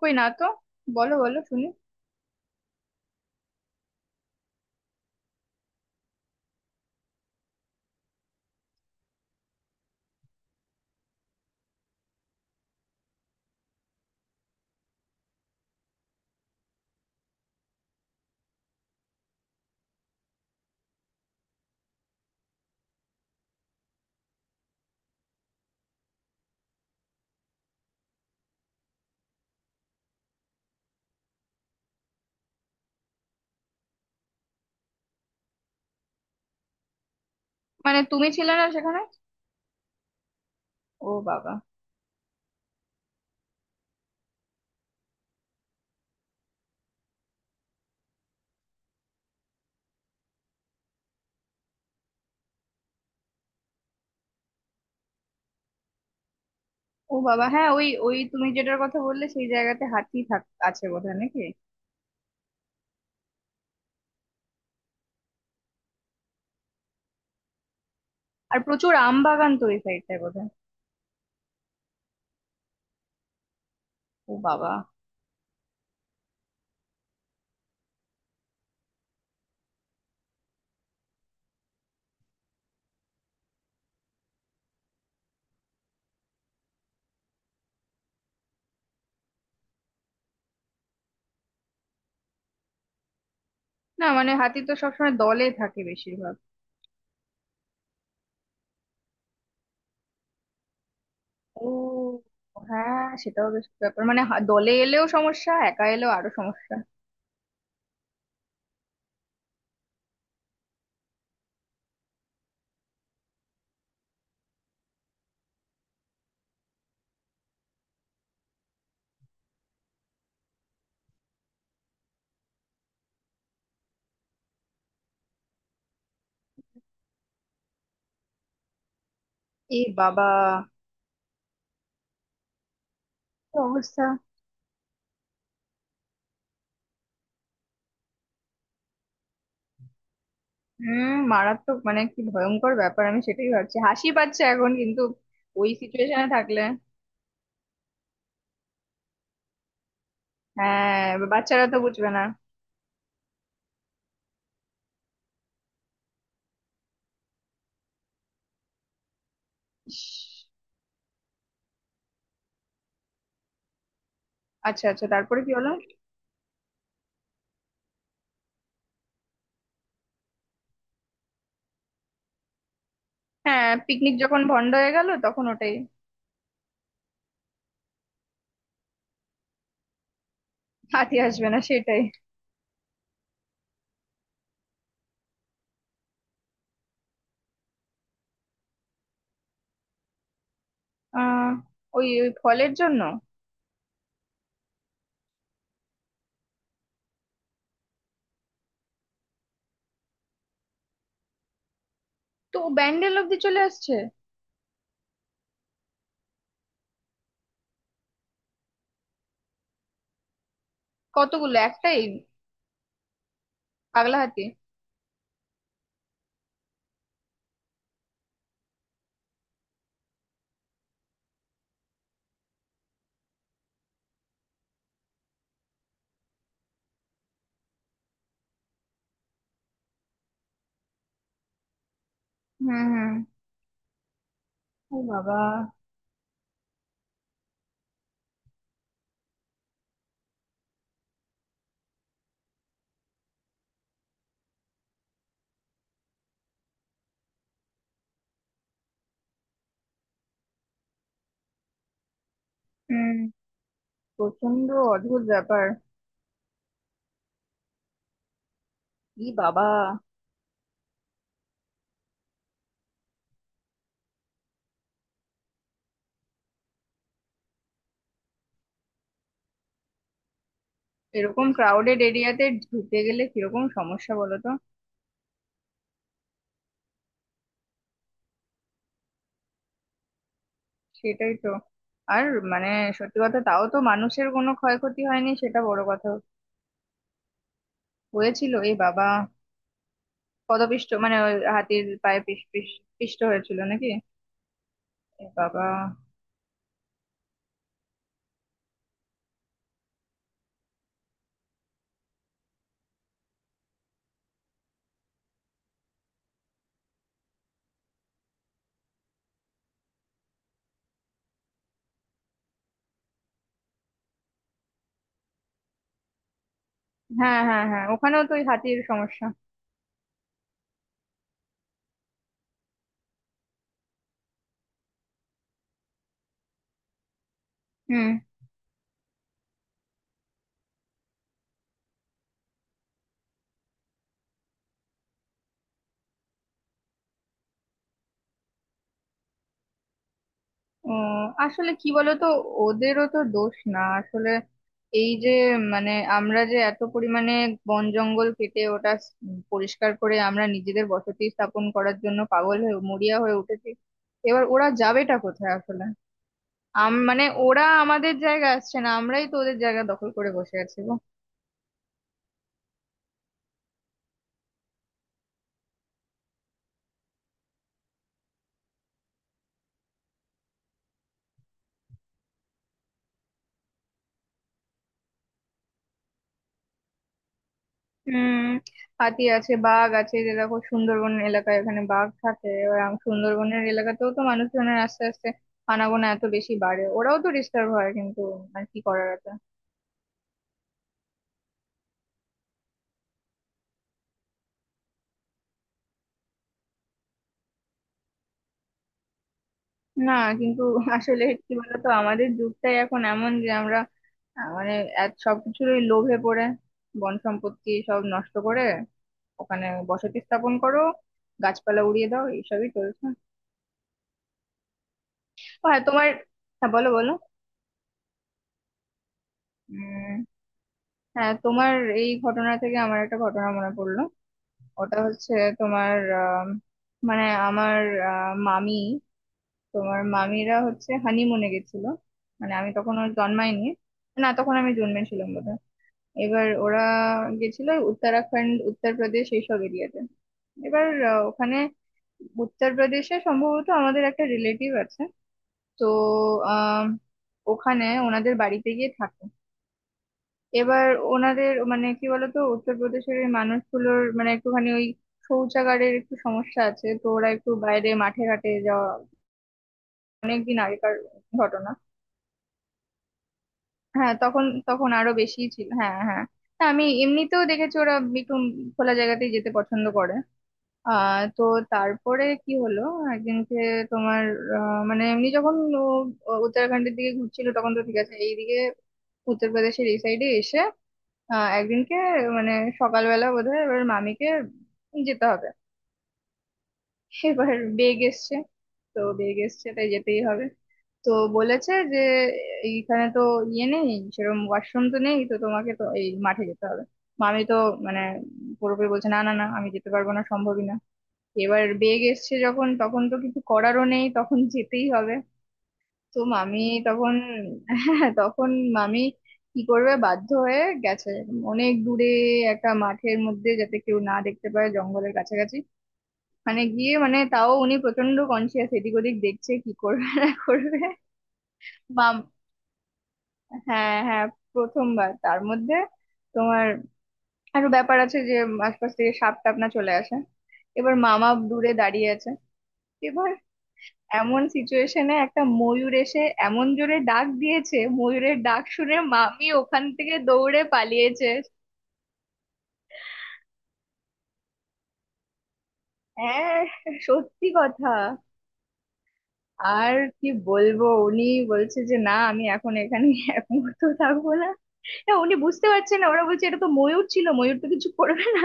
কই না তো। বলো বলো শুনি। মানে তুমি ছিলে না সেখানে? ও বাবা। ও বাবা, হ্যাঁ ওই ওই তুমি যেটার কথা বললে সেই জায়গাতে হাতি থাক আছে বোধহয় নাকি? আর প্রচুর আম বাগান তো ওই সাইডটায় বোধহয়। ও বাবা। না মানে হাতি তো সবসময় দলে থাকে বেশিরভাগ। ও, হ্যাঁ সেটাও বেশ ব্যাপার। মানে দলে এলেও সমস্যা, একা এলেও আরো সমস্যা। এ বাবা। কি অবস্থা। হুম, মারাত্মক। মানে কি ভয়ঙ্কর ব্যাপার, আমি সেটাই ভাবছি। হাসি পাচ্ছে এখন কিন্তু, ওই সিচুয়েশনে থাকলে। হ্যাঁ এবার বাচ্চারা তো বুঝবে না। ইস। আচ্ছা আচ্ছা, তারপরে কি হলো? হ্যাঁ, পিকনিক যখন বন্ধ হয়ে গেল তখন ওটাই। হাতি আসবে না সেটাই। আহ ওই ওই ফলের জন্য। তো ব্যান্ডেল অব্দি চলে আসছে। কতগুলো, একটাই? পাগলা হাতি। হুম হুম। ও বাবা। হুম। প্রচন্ড। অদ্ভুত ব্যাপার। ই বাবা। এরকম ক্রাউডেড এরিয়াতে ঢুকে গেলে কিরকম সমস্যা বলো তো। সেটাই তো। আর মানে, সত্যি কথা, তাও তো মানুষের কোনো ক্ষয়ক্ষতি হয়নি সেটা বড় কথা। হয়েছিল? এ বাবা। পদপিষ্ট? মানে ওই হাতির পায়ে পিষ পিষ পিষ্ট হয়েছিল নাকি? এ বাবা। হ্যাঁ হ্যাঁ হ্যাঁ, ওখানেও তো ওই হাতির সমস্যা। হুম। উম, আসলে কি বলতো, ওদেরও তো দোষ না আসলে। এই যে মানে, আমরা যে এত পরিমাণে বন জঙ্গল কেটে ওটা পরিষ্কার করে আমরা নিজেদের বসতি স্থাপন করার জন্য পাগল হয়ে মরিয়া হয়ে উঠেছি। এবার ওরা যাবেটা কোথায় আসলে? মানে ওরা আমাদের জায়গা আসছে না, আমরাই তো ওদের জায়গা দখল করে বসে আছি গো। হুম। হাতি আছে, বাঘ আছে। যে দেখো সুন্দরবন এলাকায় এখানে বাঘ থাকে, এবার সুন্দরবনের এলাকাতেও তো মানুষজনের আস্তে আস্তে আনাগোনা এত বেশি বাড়ে, ওরাও তো ডিস্টার্ব হয় কিন্তু। আর কি করার আছে। না কিন্তু আসলে কি বলতো, আমাদের যুগটাই এখন এমন যে আমরা মানে এক সবকিছুরই লোভে পড়ে বন সম্পত্তি সব নষ্ট করে ওখানে বসতি স্থাপন করো, গাছপালা উড়িয়ে দাও, এইসবই চলছে। ও হ্যাঁ তোমার। হ্যাঁ বলো বলো। উম হ্যাঁ তোমার এই ঘটনা থেকে আমার একটা ঘটনা মনে পড়লো। ওটা হচ্ছে তোমার, আম, মানে আমার, মামি, তোমার মামিরা হচ্ছে হানিমুনে গেছিল। মানে আমি তখন ওর জন্মাইনি। না তখন আমি জন্মেছিলাম বোধহয়। এবার ওরা গেছিল উত্তরাখণ্ড, উত্তরপ্রদেশ এইসব এরিয়াতে। এবার ওখানে উত্তরপ্রদেশে সম্ভবত আমাদের একটা রিলেটিভ আছে। তো আহ ওখানে ওনাদের বাড়িতে গিয়ে থাকে। এবার ওনাদের মানে কি বলতো, উত্তরপ্রদেশের এই মানুষগুলোর মানে একটুখানি ওই শৌচাগারের একটু সমস্যা আছে, তো ওরা একটু বাইরে মাঠে ঘাটে যাওয়া। অনেকদিন আগেকার ঘটনা। হ্যাঁ তখন তখন আরো বেশি ছিল, হ্যাঁ হ্যাঁ। হ্যাঁ, আমি এমনিতেও দেখেছি ওরা একটু খোলা জায়গাতেই যেতে পছন্দ করে। তো তারপরে কি হলো, একদিনকে তোমার মানে এমনি যখন ও উত্তরাখণ্ডের দিকে ঘুরছিল তখন তো ঠিক আছে, এইদিকে উত্তরপ্রদেশের এই সাইডে এসে একদিনকে মানে সকালবেলা বোধহয় এবার মামিকে যেতে হবে। এবার বেগ এসছে। তো বেগ এসছে তাই যেতেই হবে। তো বলেছে যে এইখানে তো ইয়ে নেই, সেরকম ওয়াশরুম তো নেই, তো তোমাকে তো এই মাঠে যেতে হবে। মামি তো মানে পুরোপুরি বলছে, না না না আমি যেতে পারবো না, সম্ভবই না। এবার বেগ এসছে যখন তখন তো কিছু করারও নেই, তখন যেতেই হবে। তো মামি তখন, হ্যাঁ তখন মামি কি করবে, বাধ্য হয়ে গেছে অনেক দূরে একটা মাঠের মধ্যে যাতে কেউ না দেখতে পায়, জঙ্গলের কাছাকাছি। মানে গিয়ে মানে তাও উনি প্রচন্ড কনসিয়াস, এদিক ওদিক দেখছে কি করবে না করবে। মাম হ্যাঁ হ্যাঁ, প্রথমবার, তার মধ্যে তোমার আরো ব্যাপার আছে যে আশপাশ থেকে সাপ টাপ না চলে আসে। এবার মামা দূরে দাঁড়িয়ে আছে। এবার এমন সিচুয়েশনে একটা ময়ূর এসে এমন জোরে ডাক দিয়েছে, ময়ূরের ডাক শুনে মামি ওখান থেকে দৌড়ে পালিয়েছে। হ্যাঁ, সত্যি কথা। আর কি বলবো, উনি বলছে যে না আমি এখন এখানে এক মুহূর্ত থাকবো না। না উনি বুঝতে পারছেন না, ওরা বলছে এটা তো ময়ূর ছিল, ময়ূর তো কিছু করবে না।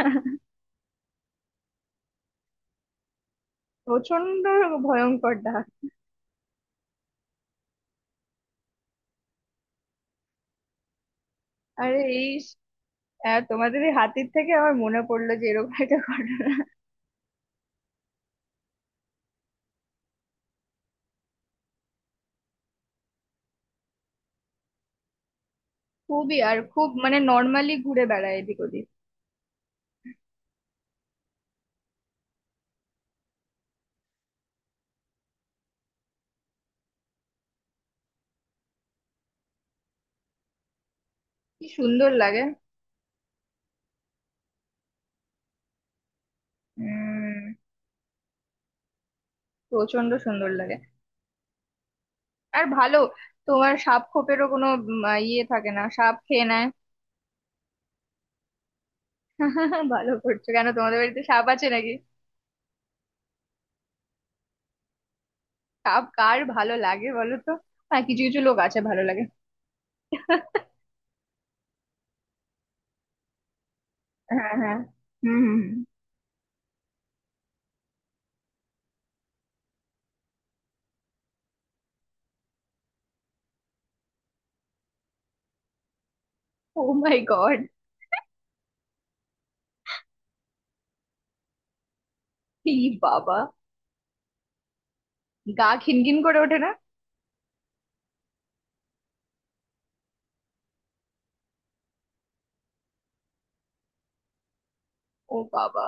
প্রচন্ড ভয়ঙ্কর ডাক। আরে এই তোমাদের এই হাতির থেকে আমার মনে পড়লো যে এরকম একটা ঘটনা। খুবই, আর খুব মানে নর্মালি ঘুরে বেড়ায় এদিক ওদিক। কি সুন্দর লাগে। উম প্রচন্ড সুন্দর লাগে। আর ভালো, তোমার সাপ খোপেরও কোনো ইয়ে থাকে না, সাপ খেয়ে নেয়। ভালো করছো। কেন, তোমাদের বাড়িতে সাপ আছে নাকি? সাপ কার ভালো লাগে বলো তো। হ্যাঁ কিছু কিছু লোক আছে ভালো লাগে। হ্যাঁ হ্যাঁ। হুম। Oh my god. ই বাবা। গা খিনখিন করে ওঠে না? ও বাবা।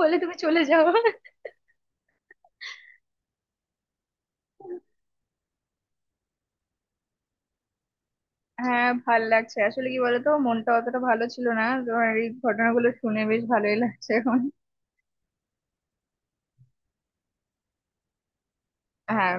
বলে তুমি চলে যাও। হ্যাঁ ভাল লাগছে। আসলে কি বলতো, মনটা অতটা ভালো ছিল না, তোমার এই ঘটনাগুলো শুনে বেশ ভালোই লাগছে এখন। হ্যাঁ।